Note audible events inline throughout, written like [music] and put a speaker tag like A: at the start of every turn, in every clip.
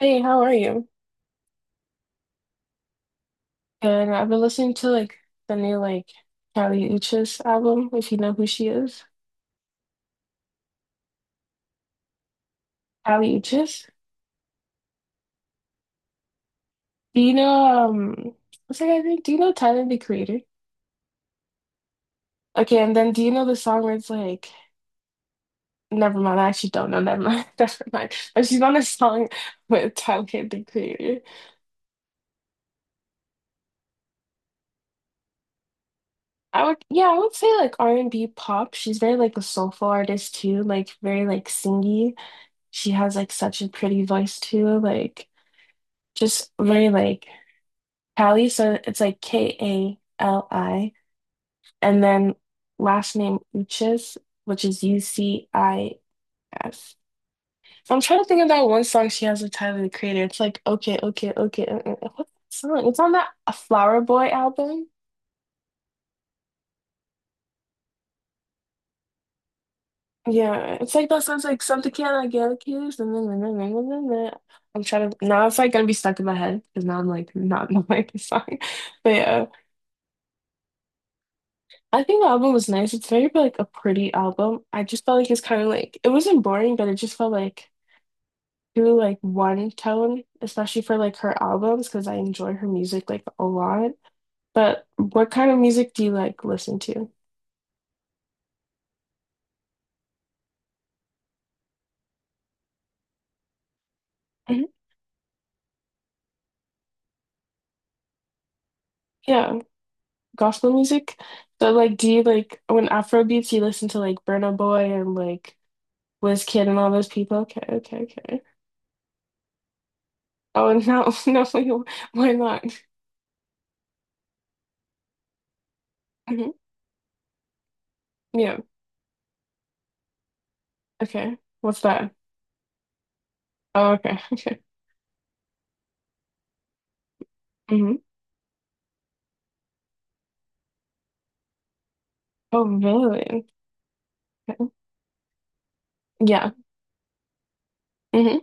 A: Hey, how are you? And I've been listening to like the new like Kali Uchis album, if you know who she is. Kali Uchis. Do you know what's that guy's name? Do you know Tyler the Creator? Okay, and then do you know the song where it's like never mind, I actually don't know, never mind, [laughs] never mind. But she's on a song with Tyler the Creator. I would yeah, I would say like R and B pop. She's very like a soulful artist too, like very like singy. She has like such a pretty voice too, like just very like Kali, so it's like Kali, and then last name Uchis, which is Ucis. I'm trying to think of that one song she has with Tyler, the Creator. It's like, okay, okay, okay. What's that song? It's on that A Flower Boy album. Yeah, it's like that sounds like something can I get accused? And then. I'm trying to now it's like gonna be stuck in my head because now I'm like not [laughs] knowing the song. But yeah. I think the album was nice. It's very like a pretty album. I just felt like it's kind of like it wasn't boring, but it just felt like too like one tone, especially for like her albums, because I enjoy her music like a lot. But what kind of music do you like listen to? Mhm. Yeah, gospel music. So like, do you like when Afrobeats you listen to like Burna Boy and like Wizkid and all those people? Okay, okay, okay. Oh, and no, [laughs] no, why not? Mhm. Yeah, okay. What's that? Oh, okay, [laughs] okay. Mhm. Oh, really? Okay. Yeah. Hmm.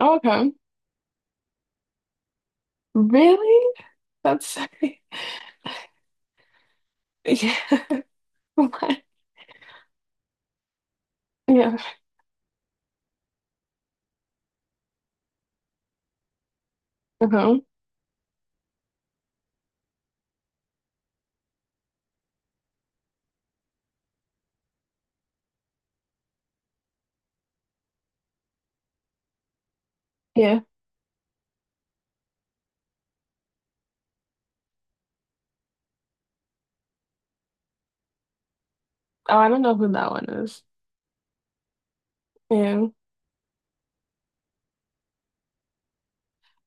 A: Oh, okay. Really? That's [laughs] yeah. [laughs] What? Yeah. Uh-huh. Yeah. Oh, I don't know who that one is. Yeah.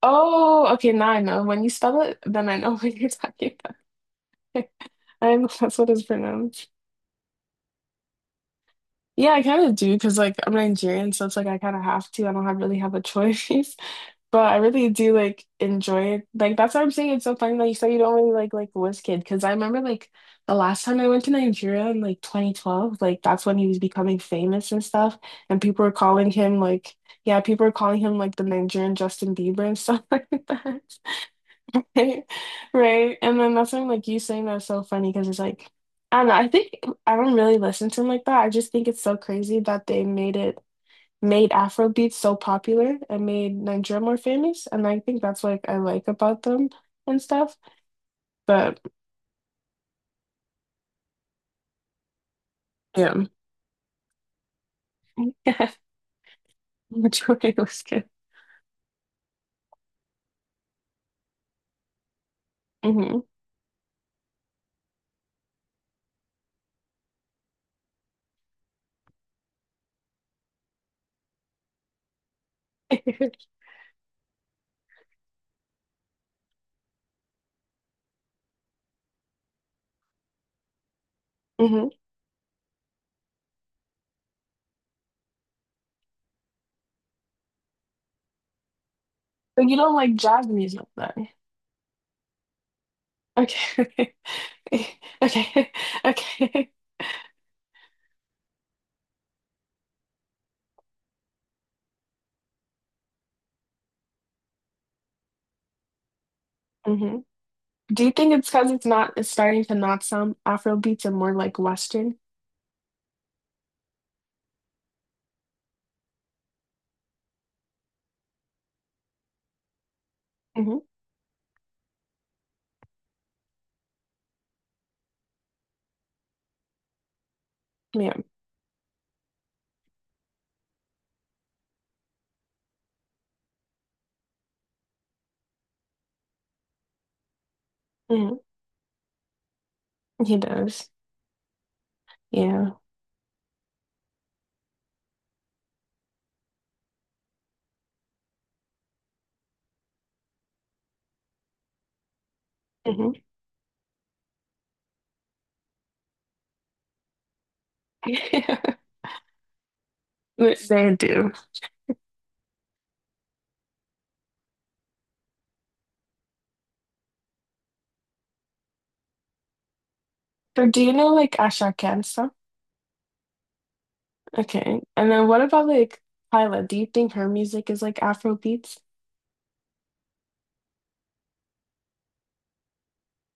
A: Oh, okay. Now I know. When you spell it, then I know [laughs] what you're talking about. [laughs] Okay. I know that's what it's pronounced. Yeah, I kind of do because like I'm Nigerian, so it's like I kind of have to. I don't have really have a choice. [laughs] But I really do like enjoy it. Like that's why I'm saying it's so funny that you said you don't really like Wizkid because I remember like the last time I went to Nigeria in like 2012, like that's when he was becoming famous and stuff, and people were calling him like yeah, people were calling him like the Nigerian Justin Bieber and stuff [laughs] like that, [laughs] right? And then that's when like you saying that's so funny because it's like I don't know. I think I don't really listen to him like that. I just think it's so crazy that they made Afro so popular and made Nigeria more famous. And I think that's like I like about them and stuff. But yeah, [laughs] Yeah. Majority was good. Hmm. [laughs] Hmm. But you don't like jazz music then? Okay. [laughs] Okay. [laughs] Okay. Hmm. Do you think it's because it's starting to not sound Afro beats and more like Western? Hmm. Yeah. Hmm. He does. Yeah. Hmm. [laughs] They do. But do you know like Asha Kent? Okay. And then what about like Hyla? Do you think her music is like Afro beats?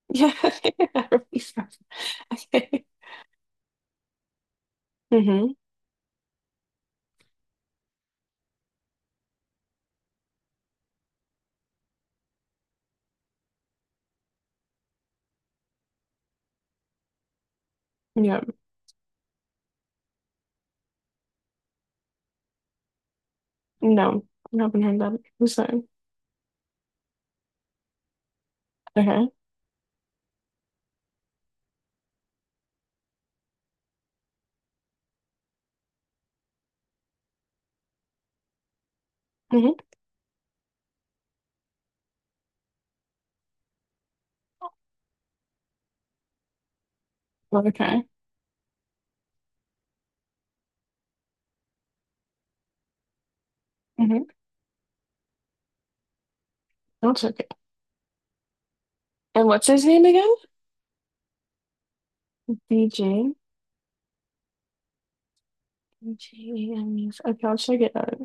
A: [laughs] Yeah. Afro beats. Okay. Mm-hmm. Yep. No. I haven't heard that. I'm sorry. Okay. Mm-hmm. Okay. Mm-hmm. That's okay. And what's his name again? DJ. DJ. Okay, I'll check it out.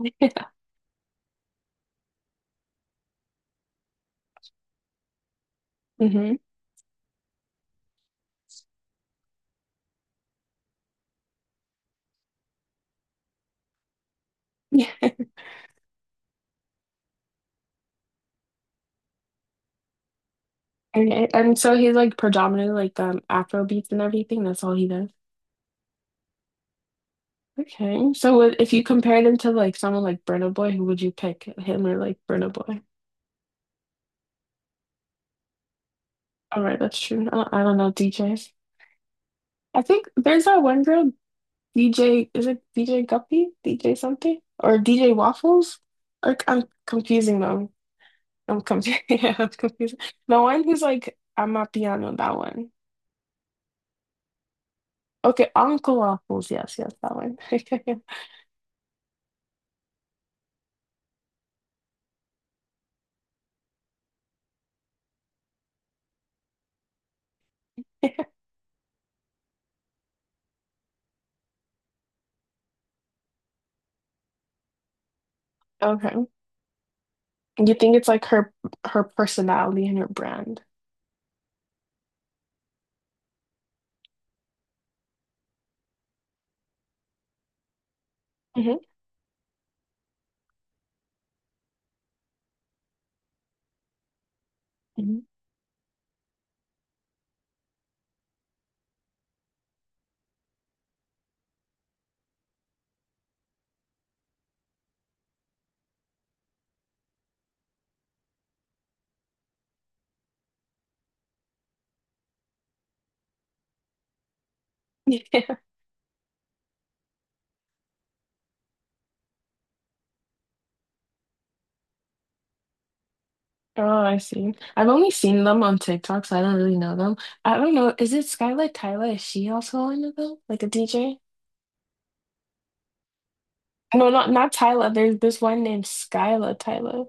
A: [laughs] Mm-hmm. Yeah. Okay. And so he's like predominantly like Afro beats and everything. That's all he does. Okay. So if you compared him to like someone like Burna Boy, who would you pick? Him or like Burna Boy? All right, that's true. I don't know DJs. I think there's that one girl, DJ, is it DJ Guppy? DJ something? Or DJ Waffles? Or I'm confusing them. I'm confusing. [laughs] Yeah, I'm confusing. The one who's like, I'm a piano, that one. Okay, Uncle Waffles. Yes, yes, that one. [laughs] Okay. You think it's like her personality and her brand. Hmm. [laughs] Oh, I see. I've only seen them on TikTok, so I don't really know them. I don't know. Is it Skylar Tyler? Is she also one of them? Like a DJ? No, not Tyler. There's this one named Skylar Tyler.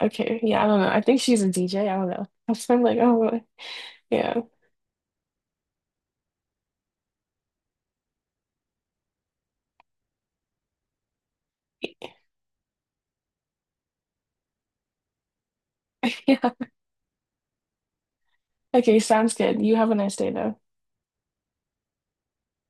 A: Okay, yeah, I don't know. I think she's a DJ. I don't know. [laughs] I'm like, oh, really? Yeah, [laughs] yeah. Okay, sounds good. You have a nice day, though.